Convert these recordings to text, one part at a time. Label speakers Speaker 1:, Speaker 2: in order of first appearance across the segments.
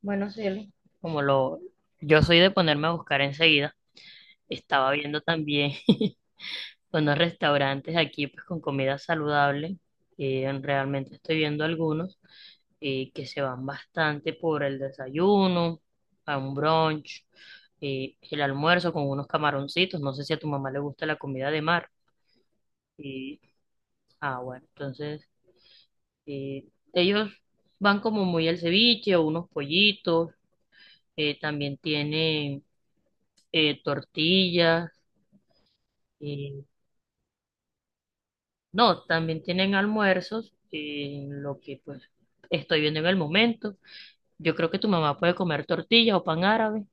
Speaker 1: Bueno, Cielo. Como lo, yo soy de ponerme a buscar enseguida, estaba viendo también unos restaurantes aquí pues con comida saludable. Y realmente estoy viendo algunos que se van bastante por el desayuno, a un brunch, el almuerzo con unos camaroncitos. No sé si a tu mamá le gusta la comida de mar. Y, bueno, entonces eh, ellos van como muy al ceviche o unos pollitos. También tienen tortillas. Y no, también tienen almuerzos, lo que pues estoy viendo en el momento. Yo creo que tu mamá puede comer tortilla o pan árabe.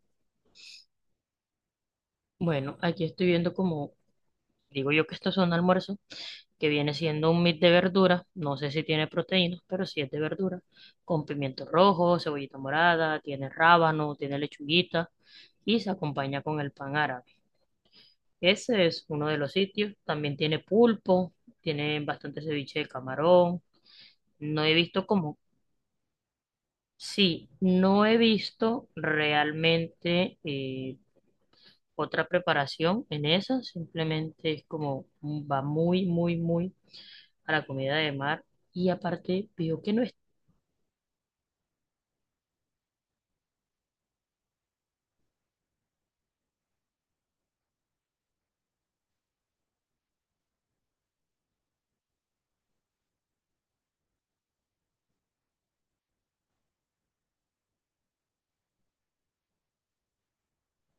Speaker 1: Bueno, aquí estoy viendo como, digo yo que estos son almuerzos, que viene siendo un mix de verduras, no sé si tiene proteínas, pero sí es de verdura, con pimiento rojo, cebollita morada, tiene rábano, tiene lechuguita y se acompaña con el pan árabe. Ese es uno de los sitios, también tiene pulpo, tiene bastante ceviche de camarón. No he visto como. Sí, no he visto realmente otra preparación en esa, simplemente es como va muy, muy, muy a la comida de mar y aparte veo que no es,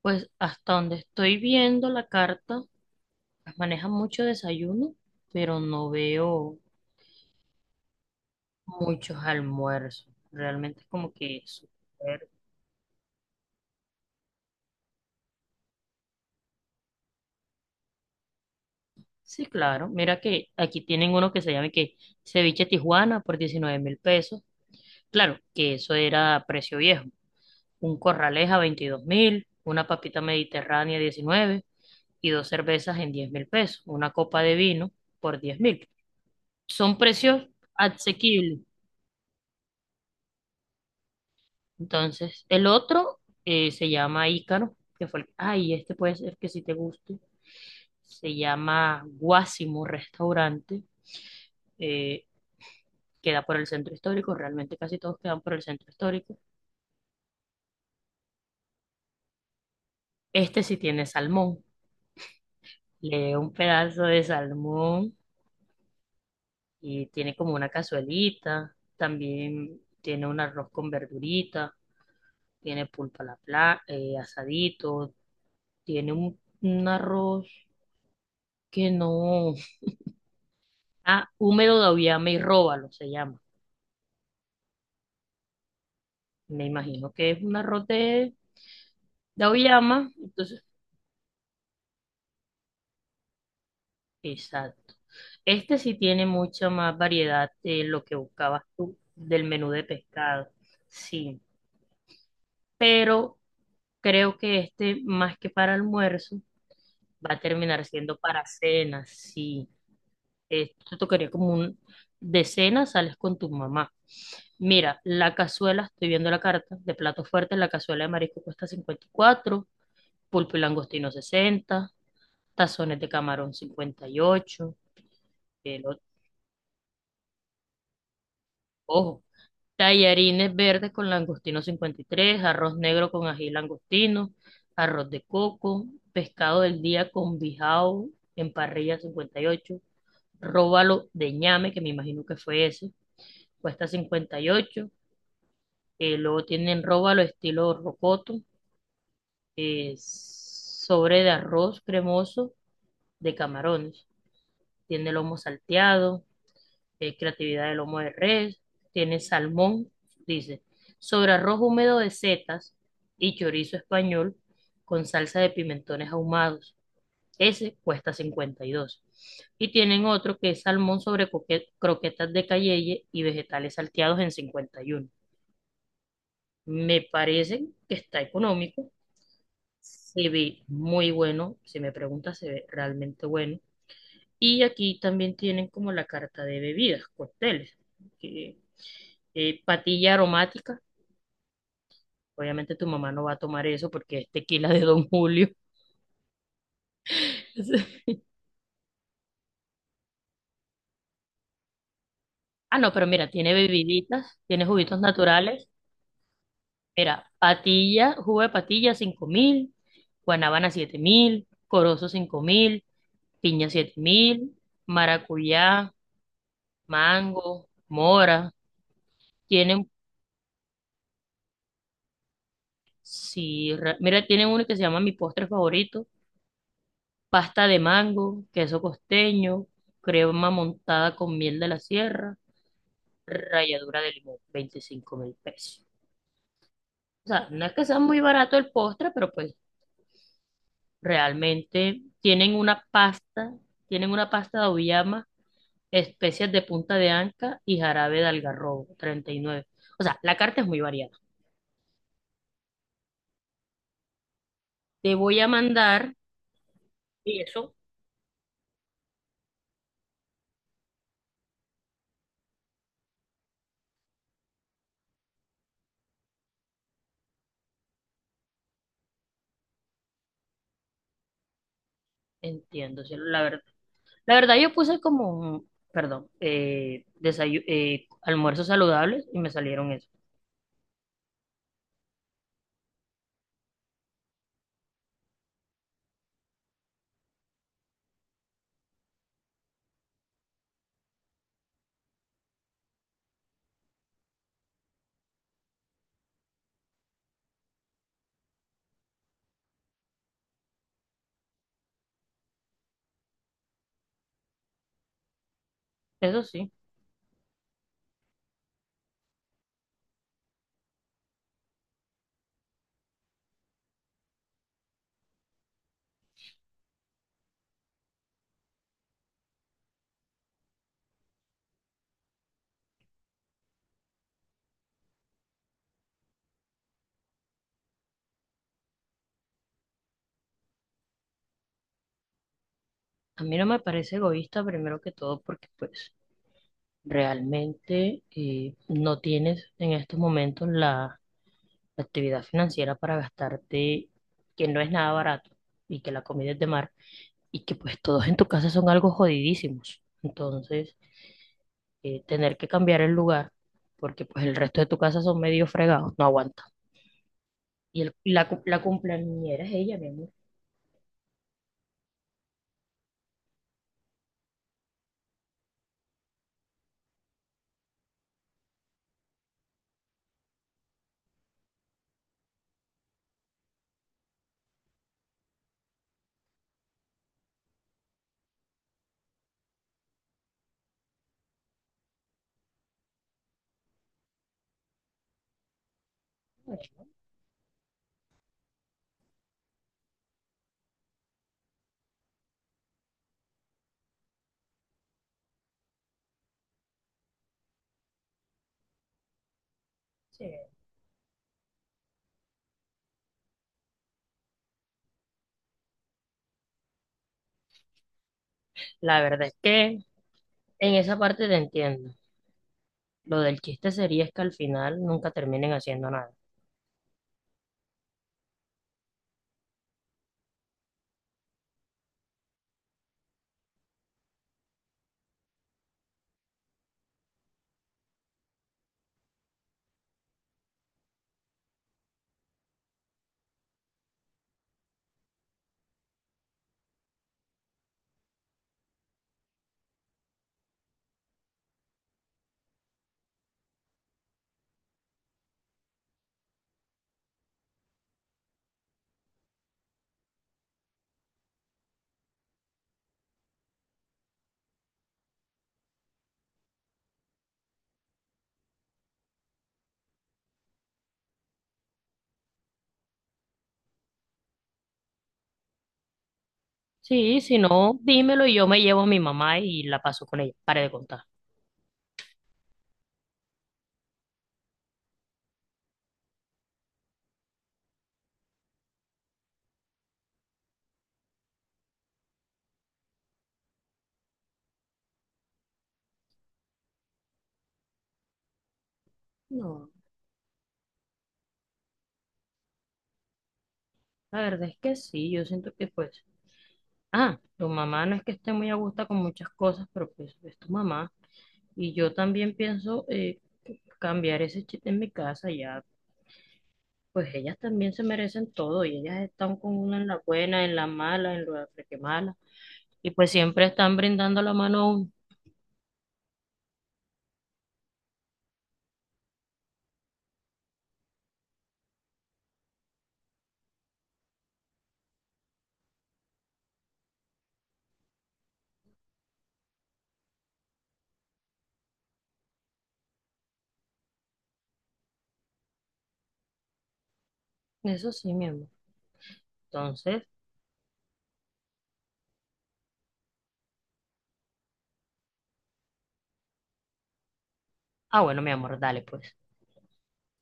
Speaker 1: pues hasta donde estoy viendo la carta, manejan mucho desayuno, pero no veo muchos almuerzos, realmente es como que súper- Sí, claro, mira que aquí tienen uno que se llama que ceviche Tijuana por 19.000 pesos, claro que eso era precio viejo, un corraleja a 22 mil, una papita mediterránea 19, y dos cervezas en 10 mil pesos, una copa de vino por 10 mil. Son precios asequibles. Entonces, el otro se llama Ícaro, que fue el- ay, este puede ser que si te guste. Se llama Guásimo Restaurante, eh, queda por el centro histórico, realmente casi todos quedan por el centro histórico. Este sí tiene salmón, le dio un pedazo de salmón y tiene como una cazuelita, también tiene un arroz con verdurita, tiene pulpa a la pla- asadito, tiene un arroz que no, ah, húmedo de auyama y róbalo se llama. Me imagino que es un arroz de auyama, entonces, exacto. Este sí tiene mucha más variedad de lo que buscabas tú del menú de pescado, sí, pero creo que este más que para almuerzo va a terminar siendo para cenas, sí. Esto tocaría como un de cena, sales con tu mamá. Mira, la cazuela, estoy viendo la carta, de platos fuertes, la cazuela de marisco cuesta 54. Pulpo y langostino 60. Tazones de camarón 58, el otro- ojo, tallarines verdes con langostino 53. Arroz negro con ají y langostino, arroz de coco, pescado del día con bijao en parrilla 58. Róbalo de ñame, que me imagino que fue ese, cuesta 58. Luego tienen róbalo estilo rocoto, sobre de arroz cremoso de camarones. Tiene lomo salteado, creatividad de lomo de res, tiene salmón, dice, sobre arroz húmedo de setas y chorizo español con salsa de pimentones ahumados. Ese cuesta 52, y tienen otro que es salmón sobre croquetas de cayeye y vegetales salteados en 51. Me parece que está económico. Se ve muy bueno. Si me preguntas, se ve realmente bueno. Y aquí también tienen como la carta de bebidas, cócteles, que, patilla aromática. Obviamente tu mamá no va a tomar eso porque es tequila de Don Julio. Ah, no, pero mira, tiene bebiditas, tiene juguitos naturales. Era patilla, jugo de patilla 5.000, guanábana 7.000, corozo 5.000, piña 7.000, maracuyá, mango, mora. Tienen, si, re- mira, tienen uno que se llama mi postre favorito, pasta de mango, queso costeño, crema montada con miel de la sierra, ralladura de limón, 25.000 pesos. O sea, no es que sea muy barato el postre, pero pues realmente tienen una pasta de auyama, especies de punta de anca y jarabe de algarrobo, 39. O sea, la carta es muy variada. Te voy a mandar, y eso entiendo, cielo, la verdad. La verdad, yo puse como, perdón, desayu- almuerzos saludables y me salieron eso. Eso sí, a mí no me parece egoísta primero que todo porque pues realmente no tienes en estos momentos la actividad financiera para gastarte, que no es nada barato y que la comida es de mar y que pues todos en tu casa son algo jodidísimos. Entonces, tener que cambiar el lugar porque pues el resto de tu casa son medio fregados, no aguanta. Y el- la, cu- la cumpleañera es ella, mi amor. Sí. La verdad es que en esa parte te entiendo. Lo del chiste sería es que al final nunca terminen haciendo nada. Sí, si no, dímelo y yo me llevo a mi mamá y la paso con ella. Pare de contar. No, la verdad es que sí, yo siento que pues... Ah, tu mamá no es que esté muy a gusto con muchas cosas, pero pues es tu mamá. Y yo también pienso cambiar ese chiste en mi casa, ya, pues ellas también se merecen todo y ellas están con uno en la buena, en la mala, en lo que mala, y pues siempre están brindando la mano a uno. Eso sí, mi amor. Entonces, ah, bueno, mi amor, dale pues.